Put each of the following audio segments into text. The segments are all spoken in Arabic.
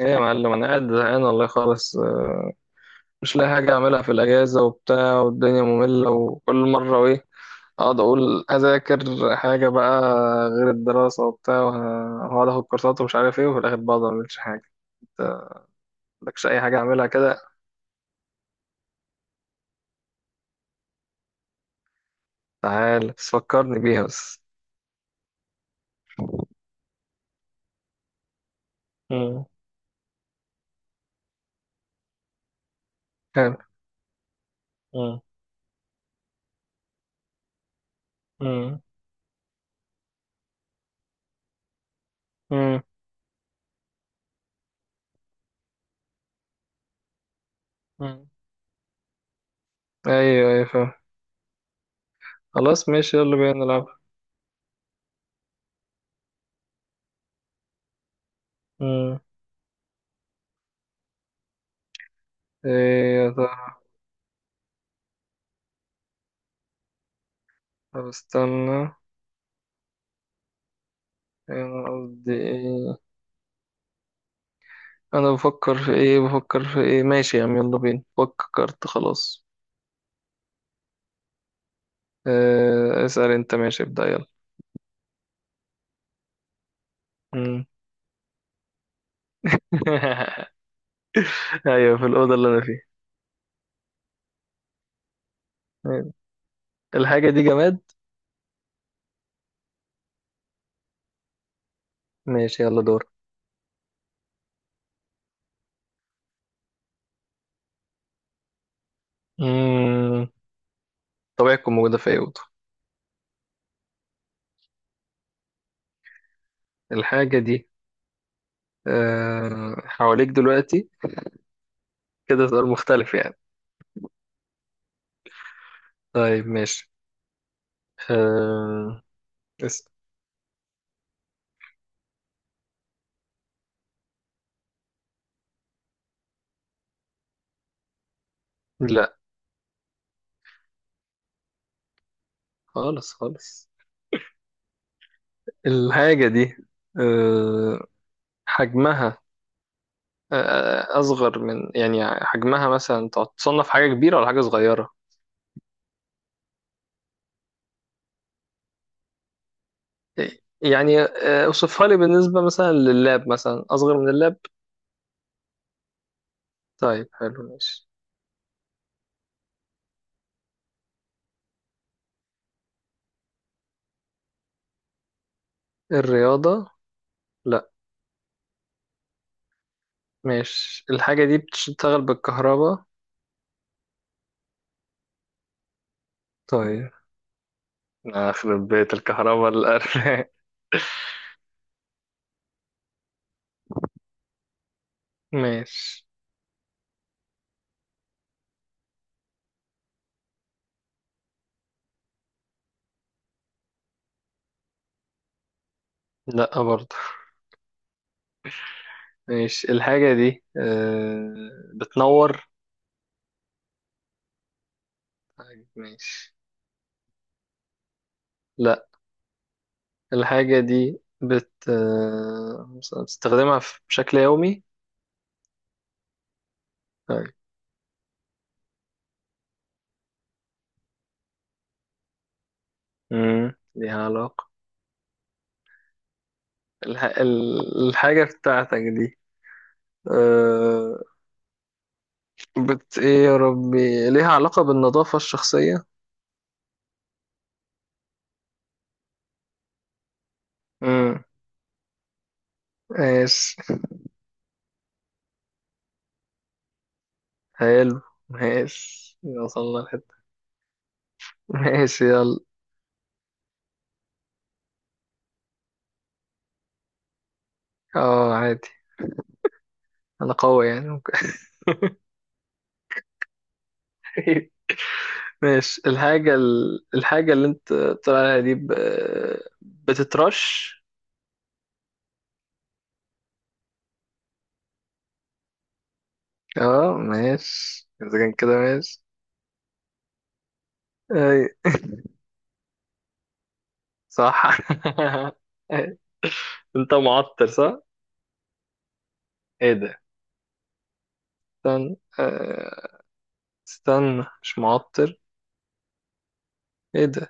ايه يا معلم، انا قاعد زهقان والله خالص، مش لاقي حاجه اعملها في الاجازه وبتاع، والدنيا ممله. وكل مره ايه، اقعد اقول اذاكر حاجه بقى غير الدراسه وبتاع وهقعد اخد كورسات ومش عارف ايه، وفي الاخر بقعد ما اعملش حاجه. انت مالكش اي حاجه اعملها كده؟ تعال بس فكرني بيها بس. مم. حلو. مم. مم. مم. مم. ايوه ايوه فاهم. خلاص ماشي، يلا بينا نلعب. مم. ايه يا ترى؟ طب استنى. انا قصدي ايه؟ انا بفكر في ايه، ماشي يا عم، يلا بينا، فكرت خلاص. اسأل انت، ماشي، ابدأ يلا. مم. ايوه في الأوضة اللي انا فيها. الحاجة دي جماد. ماشي يلا دور. مم. طبيعة تكون موجودة في اي أوضة. الحاجة دي حواليك دلوقتي، كده سؤال مختلف يعني. طيب ماشي. أه، اسأل. لا، خالص خالص. الحاجة دي أه حجمها أصغر من يعني، حجمها مثلا، تصنف حاجة كبيرة ولا حاجة صغيرة؟ يعني اوصفها لي بالنسبة مثلا لللاب، مثلا أصغر من اللاب. طيب حلو ماشي. الرياضة؟ لا. ماشي. الحاجة دي بتشتغل بالكهرباء؟ طيب، أخرب بيت الكهرباء الأرنب. ماشي. لا برضه. ماشي. الحاجة دي بتنور؟ ماشي. لا. الحاجة دي بت آه، بتستخدمها في- بشكل يومي؟ طيب. امم، ليها علاقة. الحاجة بتاعتك دي أه... بت ايه يا ربي، ليها علاقة بالنظافة الشخصية؟ امم. ماشي. حلو. ماشي، وصلنا لحتة. ماشي يلا. اه عادي. انا قوي يعني، ممكن. ماشي. الحاجة اللي انت طلع عليها دي بتترش؟ اه ماشي، اذا كان كده ماشي. اي صح. انت معطر صح؟ ايه ده؟ استنى استنى مش معطر؟ ايه ده؟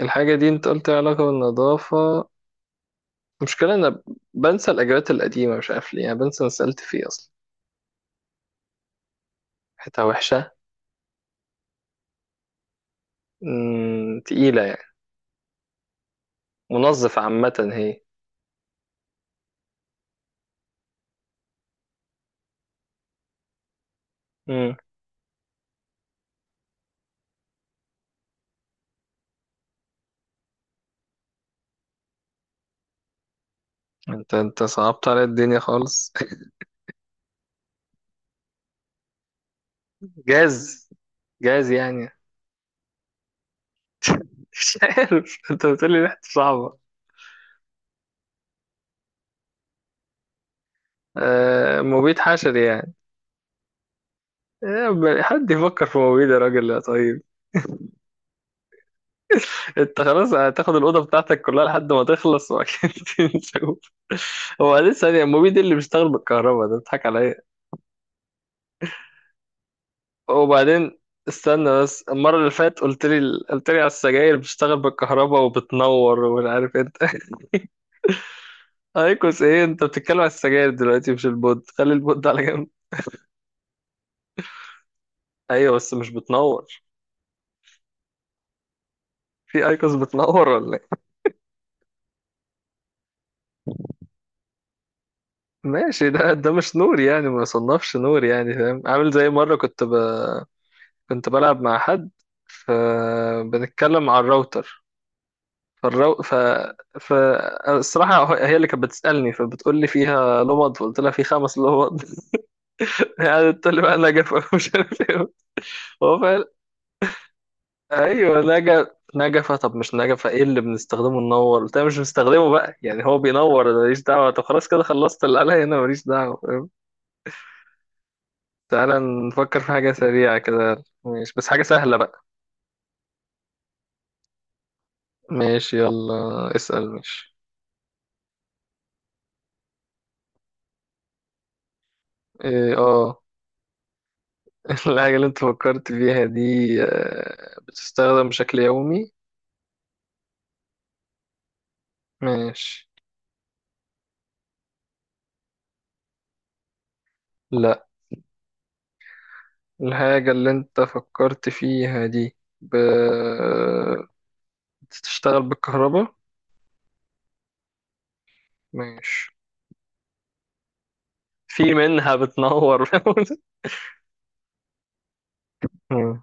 الحاجة دي انت قلت لي علاقة بالنظافة. المشكلة انا بنسى الاجابات القديمة، مش عارف ليه، يعني بنسى انا سألت فيه اصلا. حتة وحشة. مم، تقيلة يعني. منظف عامة هي؟ مم. انت صعبت على الدنيا خالص. جاز، جاز يعني. مش عارف، انت بتقولي ريحته صعبة. آه، مبيد حشري يعني؟ إيه، حد يفكر في مبيد يا راجل يا طيب؟ انت خلاص هتاخد الاوضه بتاعتك كلها لحد ما تخلص واكيد. نشوف. هو بعدين ثانيه، المبيد ده اللي بيشتغل بالكهرباء ده، بتضحك عليا. وبعدين استنى بس، المره اللي فاتت قلت لي على السجاير بتشتغل بالكهرباء وبتنور ومش عارف انت. ايكوس ايه؟ انت بتتكلم على السجاير دلوقتي مش البود، خلي البود ده على جنب. ايوه بس مش بتنور. في ايكوس بتنور ولا ايه؟ ماشي، ده مش نور يعني، ما يصنفش نور يعني، فاهم؟ عامل زي مره كنت بلعب مع حد، فبنتكلم على الراوتر، فالرو... ف... ف الصراحة هي اللي كانت بتسألني، فبتقول لي فيها لمض، فقلت لها في 5 لمض. يعني تقول لي بقى نجفة، مش عارف ايه. هو فعلا، ايوه نجف. نجفة، طب مش نجفة ايه اللي بنستخدمه ننور؟ قلت لها مش بنستخدمه بقى يعني، هو بينور أنا ماليش دعوة، طب خلاص كده خلصت اللي عليا هنا، ماليش دعوة، فاهم؟ تعالى. نفكر في حاجة سريعة كده ماشي، بس حاجة سهلة بقى. ماشي يلا اسأل ماشي. ايه اه. الحاجة اللي انت فكرت فيها دي بتستخدم بشكل يومي؟ ماشي. لا. الحاجة اللي انت فكرت فيها دي بتشتغل بالكهرباء؟ ماشي. في منها بتنور؟ مم.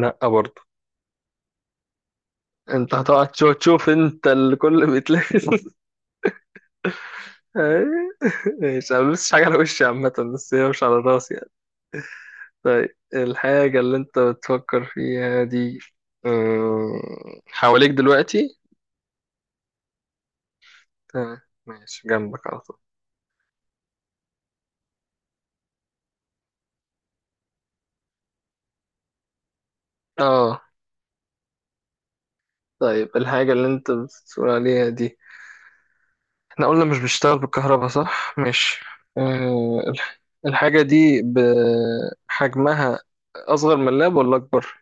لا برضه. انت هتقعد تشوف، انت الكل بيتلبس. ماشي، انا ملبسش حاجة على وشي عامة، بس هي مش على راسي يعني. طيب الحاجة اللي انت بتفكر فيها دي حواليك دلوقتي؟ تمام. ماشي، جنبك على طول. اه. طيب الحاجة اللي انت بتقول عليها دي، احنا قلنا مش بيشتغل بالكهرباء صح؟ ماشي. الحاجة دي بحجمها أصغر من اللاب ولا أكبر؟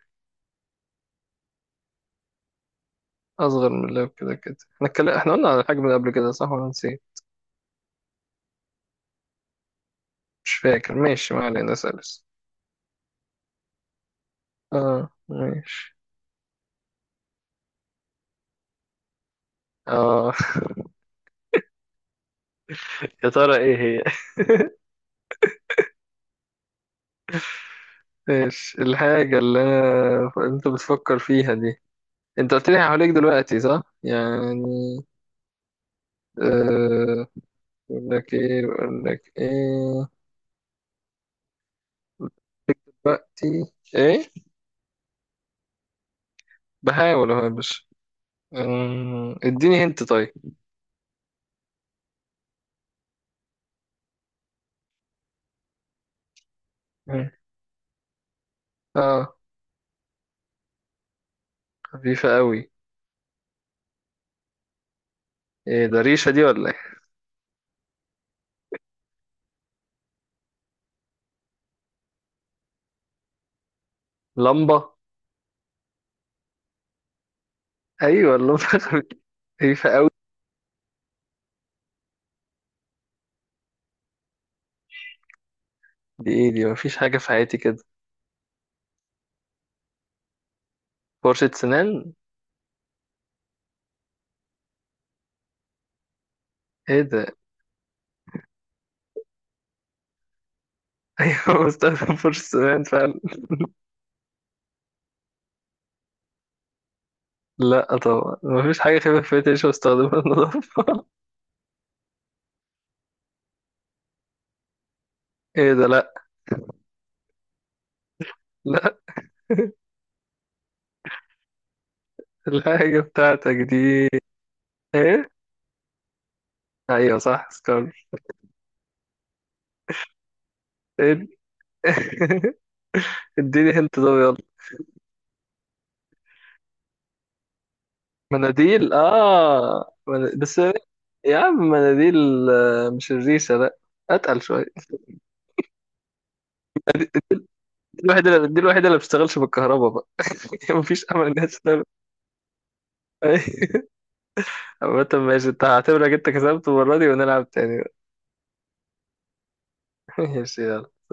أصغر من اللاب كده كده، احنا قلنا على الحجم ده قبل كده صح ولا نسيت؟ مش فاكر، ماشي ما علينا، سلس. اه ماشي. اه. يا ترى ايه هي؟ ماشي. الحاجة اللي أنا انت بتفكر فيها دي، انت قلت لي حواليك دلوقتي صح؟ يعني أه. بقول لك ايه، بقول لك ايه، دلوقتي ايه؟ بحاول اهو يا باشا. اديني هنت طيب. مم. اه. خفيفة قوي. ايه ده ريشة دي ولا ايه؟ لمبة. ايوه اللمبة. خفيفة قوي؟ دي ايه؟ دي مفيش حاجة في حياتي كده. فرشة سنان. ايه ده؟ ايوه بستخدم فرشة سنان فعلا. لا طبعا مفيش حاجة خفيفة في حياتي، مش بستخدمها للنظافة. ايه ده؟ لا. لا. الحاجة بتاعتك دي ايه؟ ايوه صح، سكار. ايه دي؟ اديني هنت طب يلا. مناديل اه بس. يا عم مناديل. آه، مش الريشة لا، اتقل شوية. دي الوحيدة اللي ما بتشتغلش بالكهرباء بقى. مفيش امل انها تشتغل. عامة ماشي، انت هعتبرك انت كسبت المرة دي، ونلعب تاني بقى. ماشي يلا